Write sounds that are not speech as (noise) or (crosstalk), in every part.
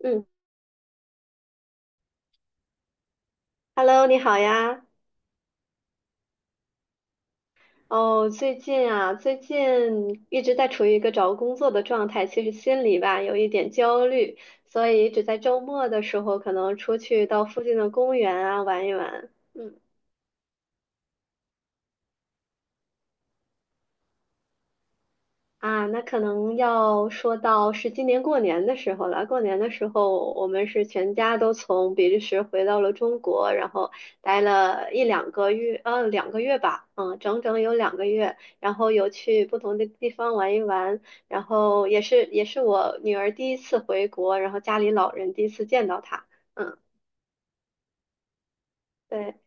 嗯，Hello，你好呀。哦，最近一直在处于一个找工作的状态，其实心里吧有一点焦虑，所以只在周末的时候可能出去到附近的公园啊玩一玩。嗯。啊，那可能要说到是今年过年的时候了。过年的时候，我们是全家都从比利时回到了中国，然后待了一两个月，两个月吧，嗯，整整有两个月。然后有去不同的地方玩一玩，然后也是我女儿第一次回国，然后家里老人第一次见到她，嗯，对。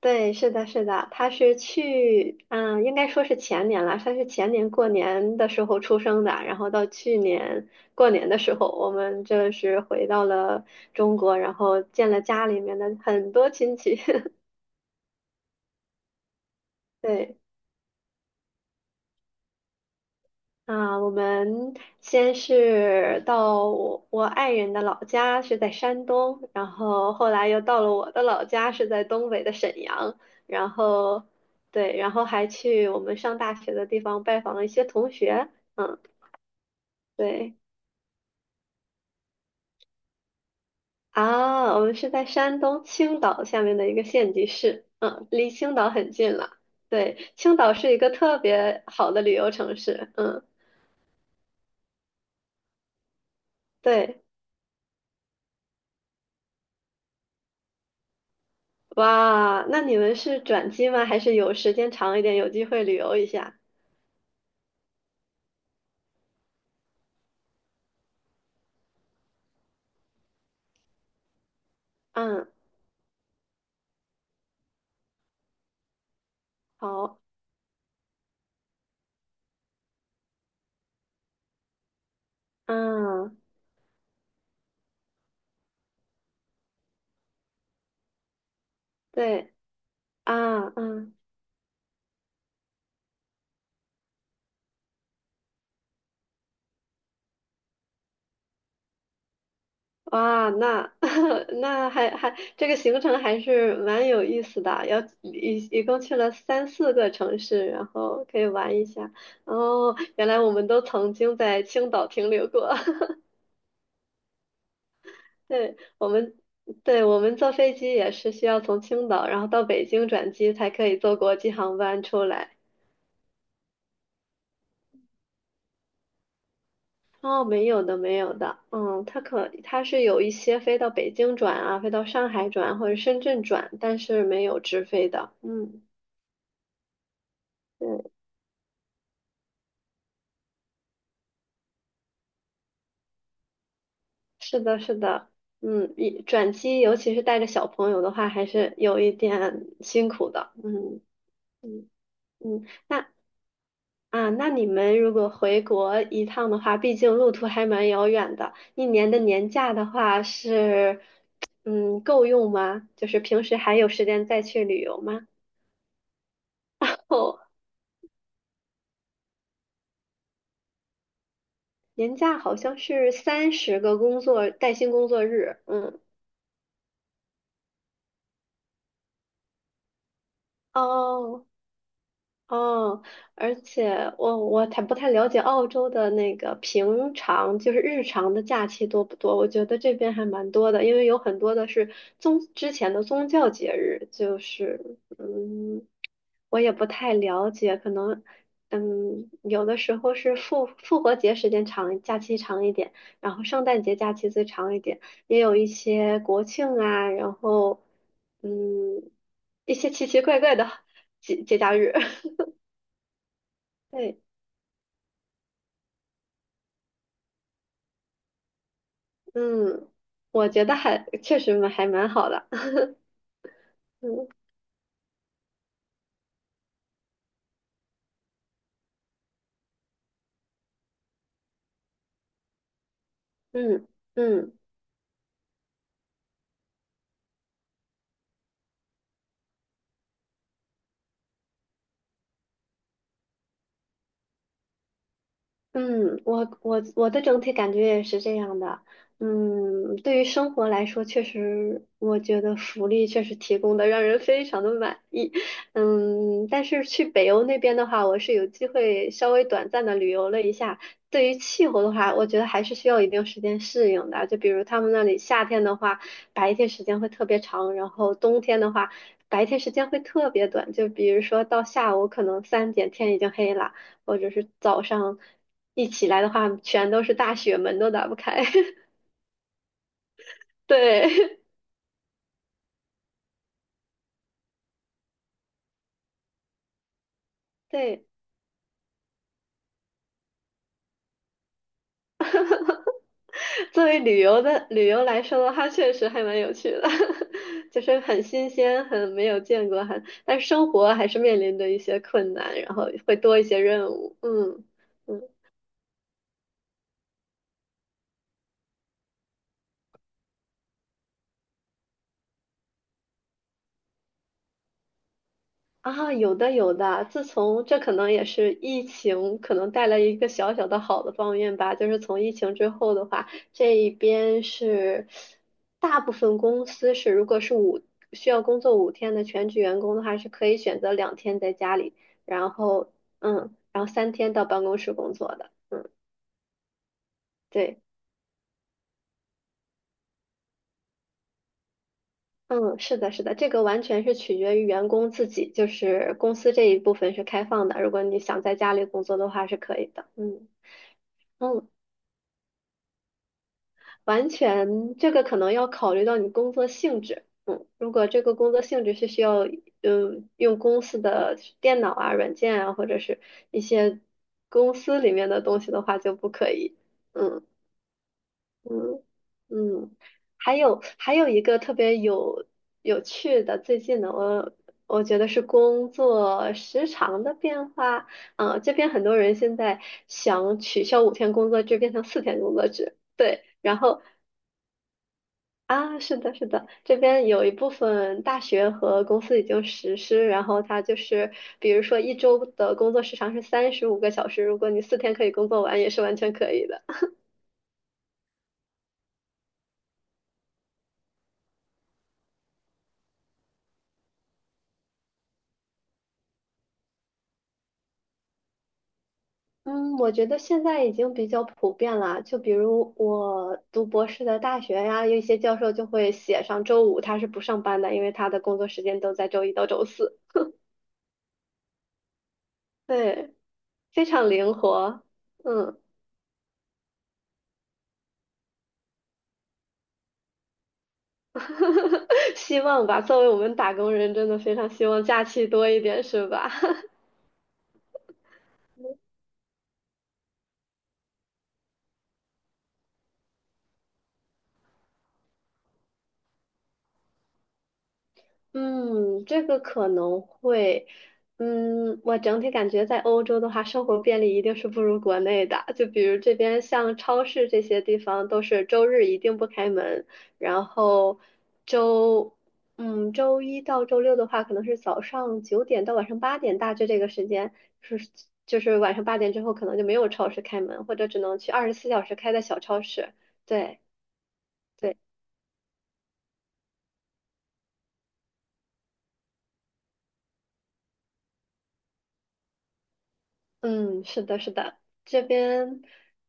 对，是的，是的，他是去，嗯，应该说是前年了，他是前年过年的时候出生的，然后到去年过年的时候，我们这是回到了中国，然后见了家里面的很多亲戚，(laughs) 对。啊，我们先是到我爱人的老家是在山东，然后后来又到了我的老家是在东北的沈阳，然后对，然后还去我们上大学的地方拜访了一些同学，嗯，对，啊，我们是在山东青岛下面的一个县级市，嗯，离青岛很近了，对，青岛是一个特别好的旅游城市，嗯，对。哇，那你们是转机吗？还是有时间长一点，有机会旅游一下？嗯，好，嗯，对，啊，嗯，哇，那 (laughs) 那这个行程还是蛮有意思的，要一共去了三四个城市，然后可以玩一下。哦，原来我们都曾经在青岛停留过。(laughs) 对，我们，对，我们坐飞机也是需要从青岛，然后到北京转机才可以坐国际航班出来。哦，没有的，没有的，嗯，它是有一些飞到北京转啊，飞到上海转或者深圳转，但是没有直飞的，嗯，对，是的，是的，嗯，一转机尤其是带着小朋友的话，还是有一点辛苦的。嗯嗯嗯，那啊，那你们如果回国一趟的话，毕竟路途还蛮遥远的，一年的年假的话是嗯够用吗？就是平时还有时间再去旅游吗？(laughs) 哦，年假好像是30个工作带薪工作日，嗯，哦，哦，而且我太不太了解澳洲的那个平常就是日常的假期多不多？我觉得这边还蛮多的，因为有很多的是之前的宗教节日，就是嗯，我也不太了解，可能嗯有的时候是复活节时间长，假期长一点，然后圣诞节假期最长一点，也有一些国庆啊，然后嗯一些奇奇怪怪的 (laughs) 节假日。(laughs) 对，嗯，我觉得还确实蛮好的，(laughs) 嗯嗯嗯。嗯，我的整体感觉也是这样的。嗯，对于生活来说，确实我觉得福利确实提供的让人非常的满意。嗯，但是去北欧那边的话，我是有机会稍微短暂的旅游了一下。对于气候的话，我觉得还是需要一定时间适应的。就比如他们那里夏天的话，白天时间会特别长，然后冬天的话，白天时间会特别短。就比如说到下午可能3点天已经黑了。或者是早上一起来的话，全都是大雪，门都打不开。(laughs) 对 (laughs) 对，作为旅游的旅游来说的话，确实还蛮有趣的，(laughs) 就是很新鲜，很没有见过，很但是生活还是面临着一些困难，然后会多一些任务。嗯嗯。啊，有的有的，自从这可能也是疫情，可能带来一个小小的好的方面吧，就是从疫情之后的话，这一边是大部分公司是，如果是需要工作五天的全职员工的话，是可以选择2天在家里，然后嗯，然后3天到办公室工作的，嗯，对，嗯，是的，是的，这个完全是取决于员工自己，就是公司这一部分是开放的，如果你想在家里工作的话是可以的，嗯。嗯，完全，这个可能要考虑到你工作性质。嗯，如果这个工作性质是需要，嗯，用公司的电脑啊、软件啊，或者是一些公司里面的东西的话，就不可以。嗯嗯嗯，还有一个特别有趣的，最近的我觉得是工作时长的变化。嗯，这边很多人现在想取消五天工作制，变成四天工作制。对，然后啊，是的，是的，这边有一部分大学和公司已经实施，然后它就是，比如说一周的工作时长是35个小时，如果你四天可以工作完，也是完全可以的。(laughs) 嗯，我觉得现在已经比较普遍了。就比如我读博士的大学呀，有一些教授就会写上周五他是不上班的，因为他的工作时间都在周一到周四。对，非常灵活。嗯。(laughs) 希望吧，作为我们打工人，真的非常希望假期多一点，是吧？嗯，这个可能会，嗯，我整体感觉在欧洲的话，生活便利一定是不如国内的。就比如这边像超市这些地方，都是周日一定不开门，然后周，嗯，周一到周六的话，可能是早上9点到晚上八点，大致这个时间是，就是晚上八点之后可能就没有超市开门，或者只能去24小时开的小超市。对。对嗯，是的，是的，这边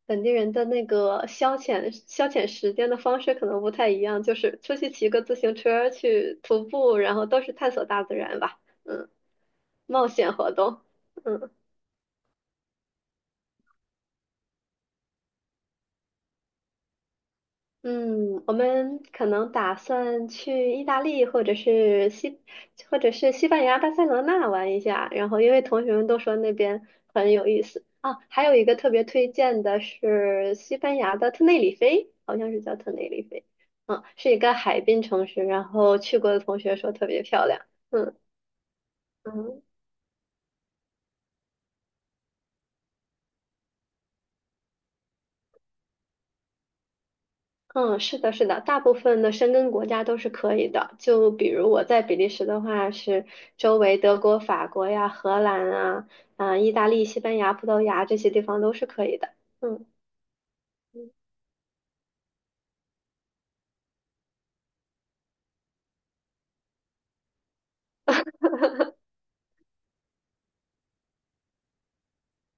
本地人的那个消遣消遣时间的方式可能不太一样，就是出去骑个自行车，去徒步，然后都是探索大自然吧，嗯，冒险活动，嗯。嗯，我们可能打算去意大利或者是西班牙巴塞罗那玩一下，然后因为同学们都说那边很有意思啊，还有一个特别推荐的是西班牙的特内里菲，好像是叫特内里菲，嗯，是一个海滨城市，然后去过的同学说特别漂亮，嗯嗯。嗯，是的，是的，大部分的申根国家都是可以的。就比如我在比利时的话，是周围德国、法国呀、荷兰啊、啊、意大利、西班牙、葡萄牙这些地方都是可以的。嗯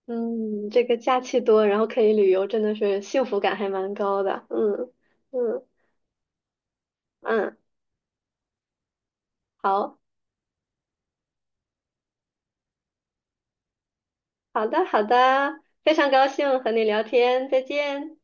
嗯，这个假期多，然后可以旅游，真的是幸福感还蛮高的。嗯嗯嗯，好好的好的，非常高兴和你聊天，再见。